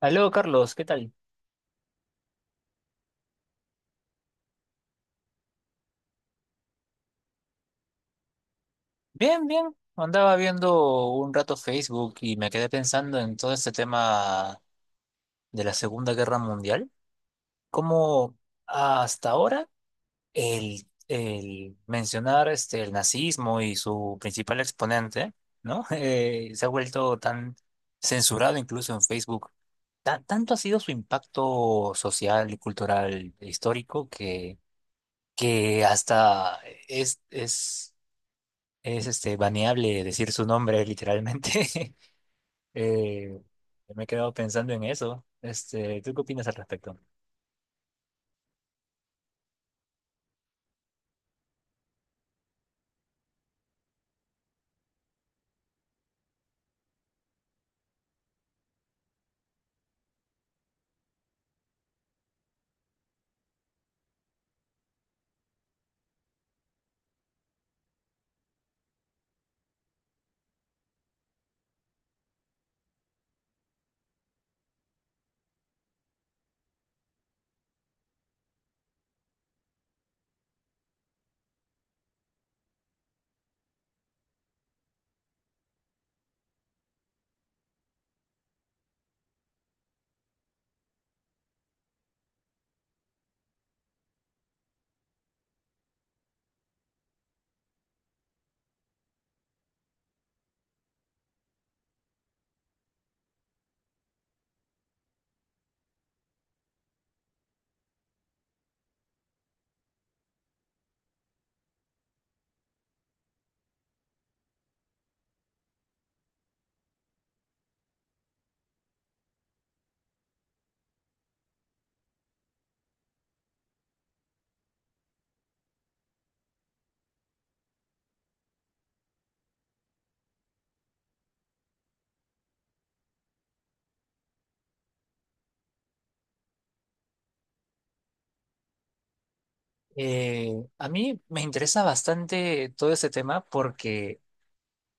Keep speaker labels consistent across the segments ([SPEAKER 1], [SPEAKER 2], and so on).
[SPEAKER 1] Aló, Carlos, ¿qué tal? Bien, bien. Andaba viendo un rato Facebook y me quedé pensando en todo este tema de la Segunda Guerra Mundial. Cómo hasta ahora el mencionar este, el nazismo y su principal exponente, ¿no? Se ha vuelto tan censurado incluso en Facebook. Tanto ha sido su impacto social y cultural e histórico que hasta es, es es este, baneable decir su nombre literalmente. Eh, Me he quedado pensando en eso. Este, ¿tú qué opinas al respecto? Eh, a mí me interesa bastante todo este tema porque,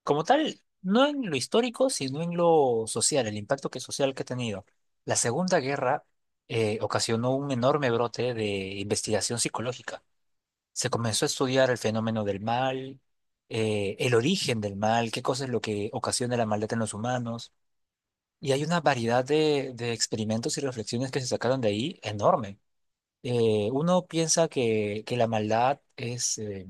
[SPEAKER 1] como tal, no en lo histórico, sino en lo social, el impacto que social que ha tenido. La Segunda Guerra ocasionó un enorme brote de investigación psicológica. Se comenzó a estudiar el fenómeno del mal, el origen del mal, qué cosa es lo que ocasiona la maldad en los humanos. Y hay una variedad de experimentos y reflexiones que se sacaron de ahí enorme. Uno piensa que la maldad es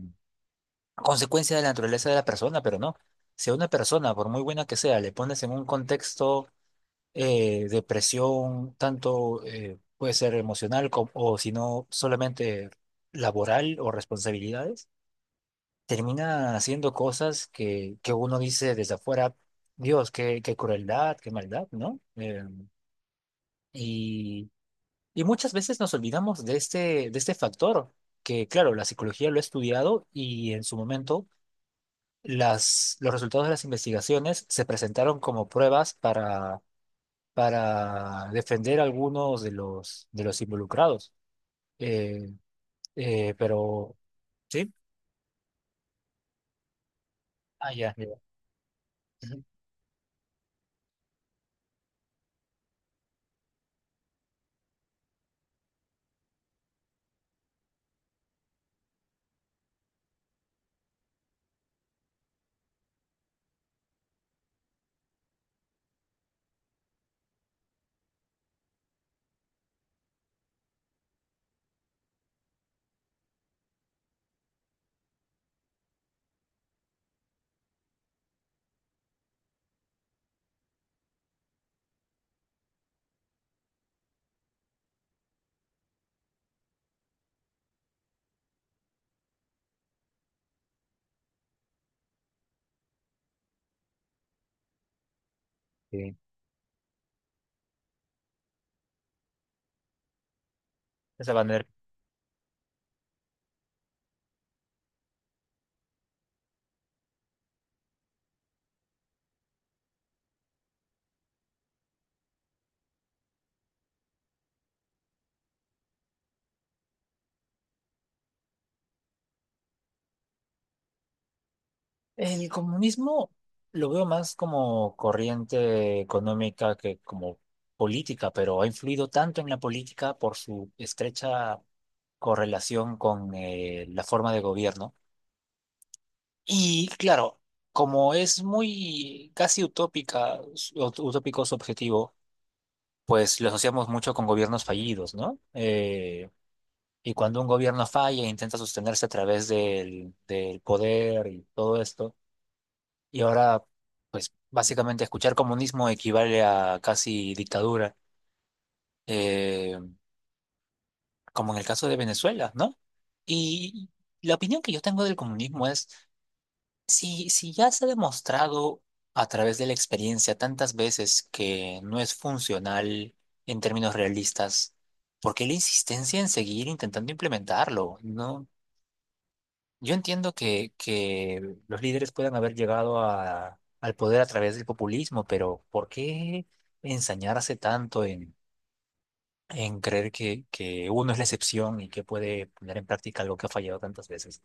[SPEAKER 1] consecuencia de la naturaleza de la persona, pero no. Si a una persona, por muy buena que sea, le pones en un contexto de presión, tanto puede ser emocional como, o si no, solamente laboral o responsabilidades, termina haciendo cosas que uno dice desde afuera, Dios, qué crueldad, qué maldad, ¿no? Y Y muchas veces nos olvidamos de este factor, que claro, la psicología lo ha estudiado y en su momento los resultados de las investigaciones se presentaron como pruebas para defender a algunos de de los involucrados. Eh, pero, ¿sí? Ah, ya. Ya. Ujú. Sí, esa manera. El comunismo lo veo más como corriente económica que como política, pero ha influido tanto en la política por su estrecha correlación con la forma de gobierno. Y claro, como es muy casi utópica, utópico su objetivo, pues lo asociamos mucho con gobiernos fallidos, ¿no? Y cuando un gobierno falla, e intenta sostenerse a través del poder y todo esto. Y ahora, pues básicamente escuchar comunismo equivale a casi dictadura, eh, como en el caso de Venezuela, ¿no? Y la opinión que yo tengo del comunismo es... Si, si ya se ha demostrado a través de la experiencia tantas veces que no es funcional en términos realistas, ¿por qué la insistencia en seguir intentando implementarlo? No, yo entiendo que los líderes puedan haber llegado al poder a través del populismo, pero ¿por qué ensañarse tanto en creer que uno es la excepción y que puede poner en práctica algo que ha fallado tantas veces?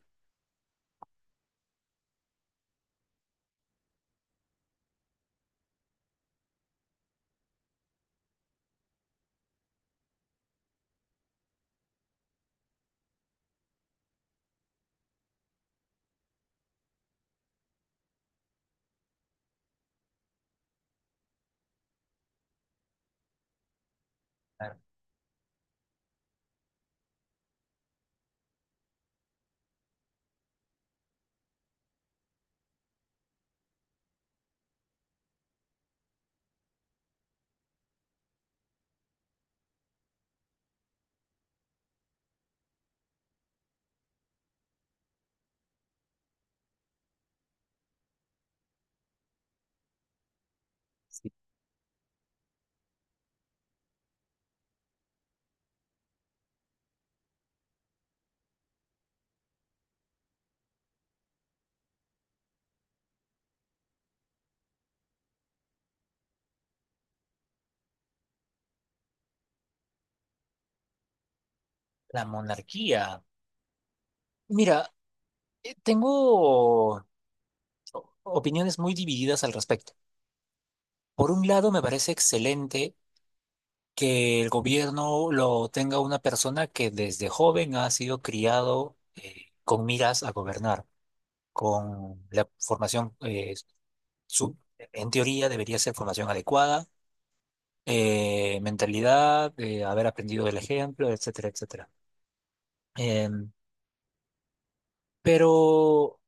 [SPEAKER 1] La monarquía. Mira, tengo opiniones muy divididas al respecto. Por un lado, me parece excelente que el gobierno lo tenga una persona que desde joven ha sido criado con miras a gobernar, con la formación, su- en teoría debería ser formación adecuada, mentalidad, haber aprendido del ejemplo, etcétera, etcétera. Em, pero...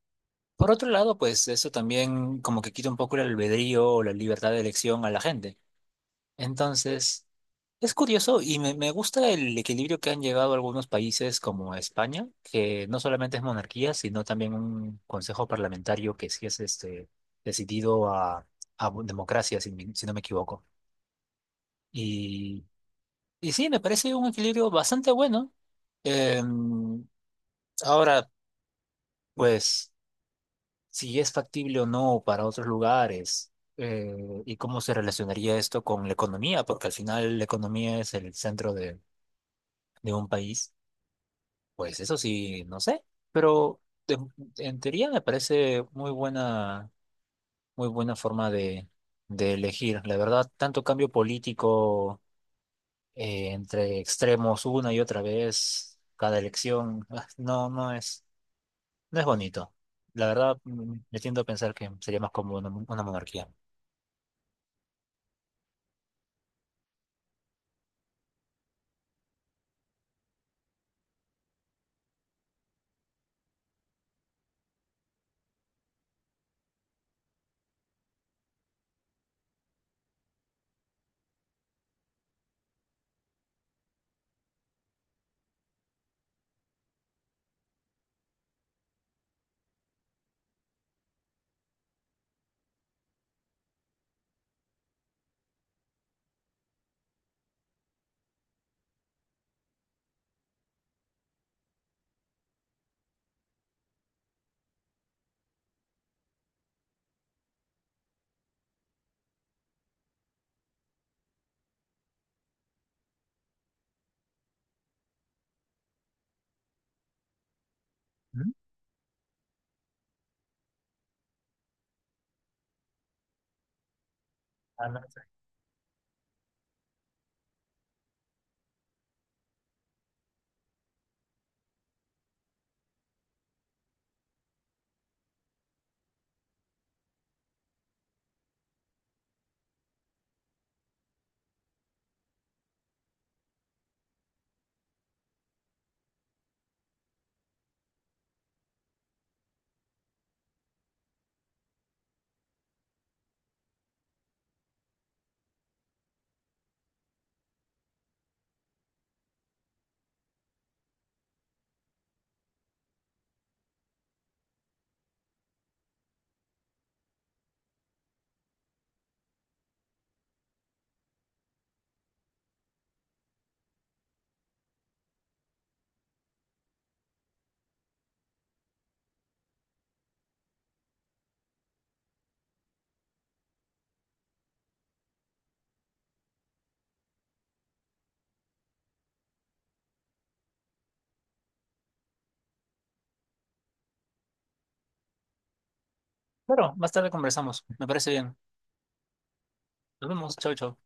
[SPEAKER 1] Por otro lado, pues eso también como que quita un poco el albedrío o la libertad de elección a la gente. Entonces, es curioso y me gusta el equilibrio que han llegado algunos países como España, que no solamente es monarquía, sino también un consejo parlamentario que sí es este, decidido a democracia, si, si no me equivoco. Y, y sí, me parece un equilibrio bastante bueno. Em, ahora, pues, si es factible o no para otros lugares eh, y cómo se relacionaría esto con la economía, porque al final la economía es el centro de un país, pues eso sí, no sé, pero en, en teoría me parece muy buena forma de elegir. La verdad, tanto cambio político entre extremos una y otra vez, cada elección, ah, no, no es, no es bonito. La verdad, mm, me tiendo a pensar que sería más cómodo una, una monarquía. Ujú. Ah, no no sé. Claro, más tarde conversamos. Me parece bien. Nos vemos. Chau, chau.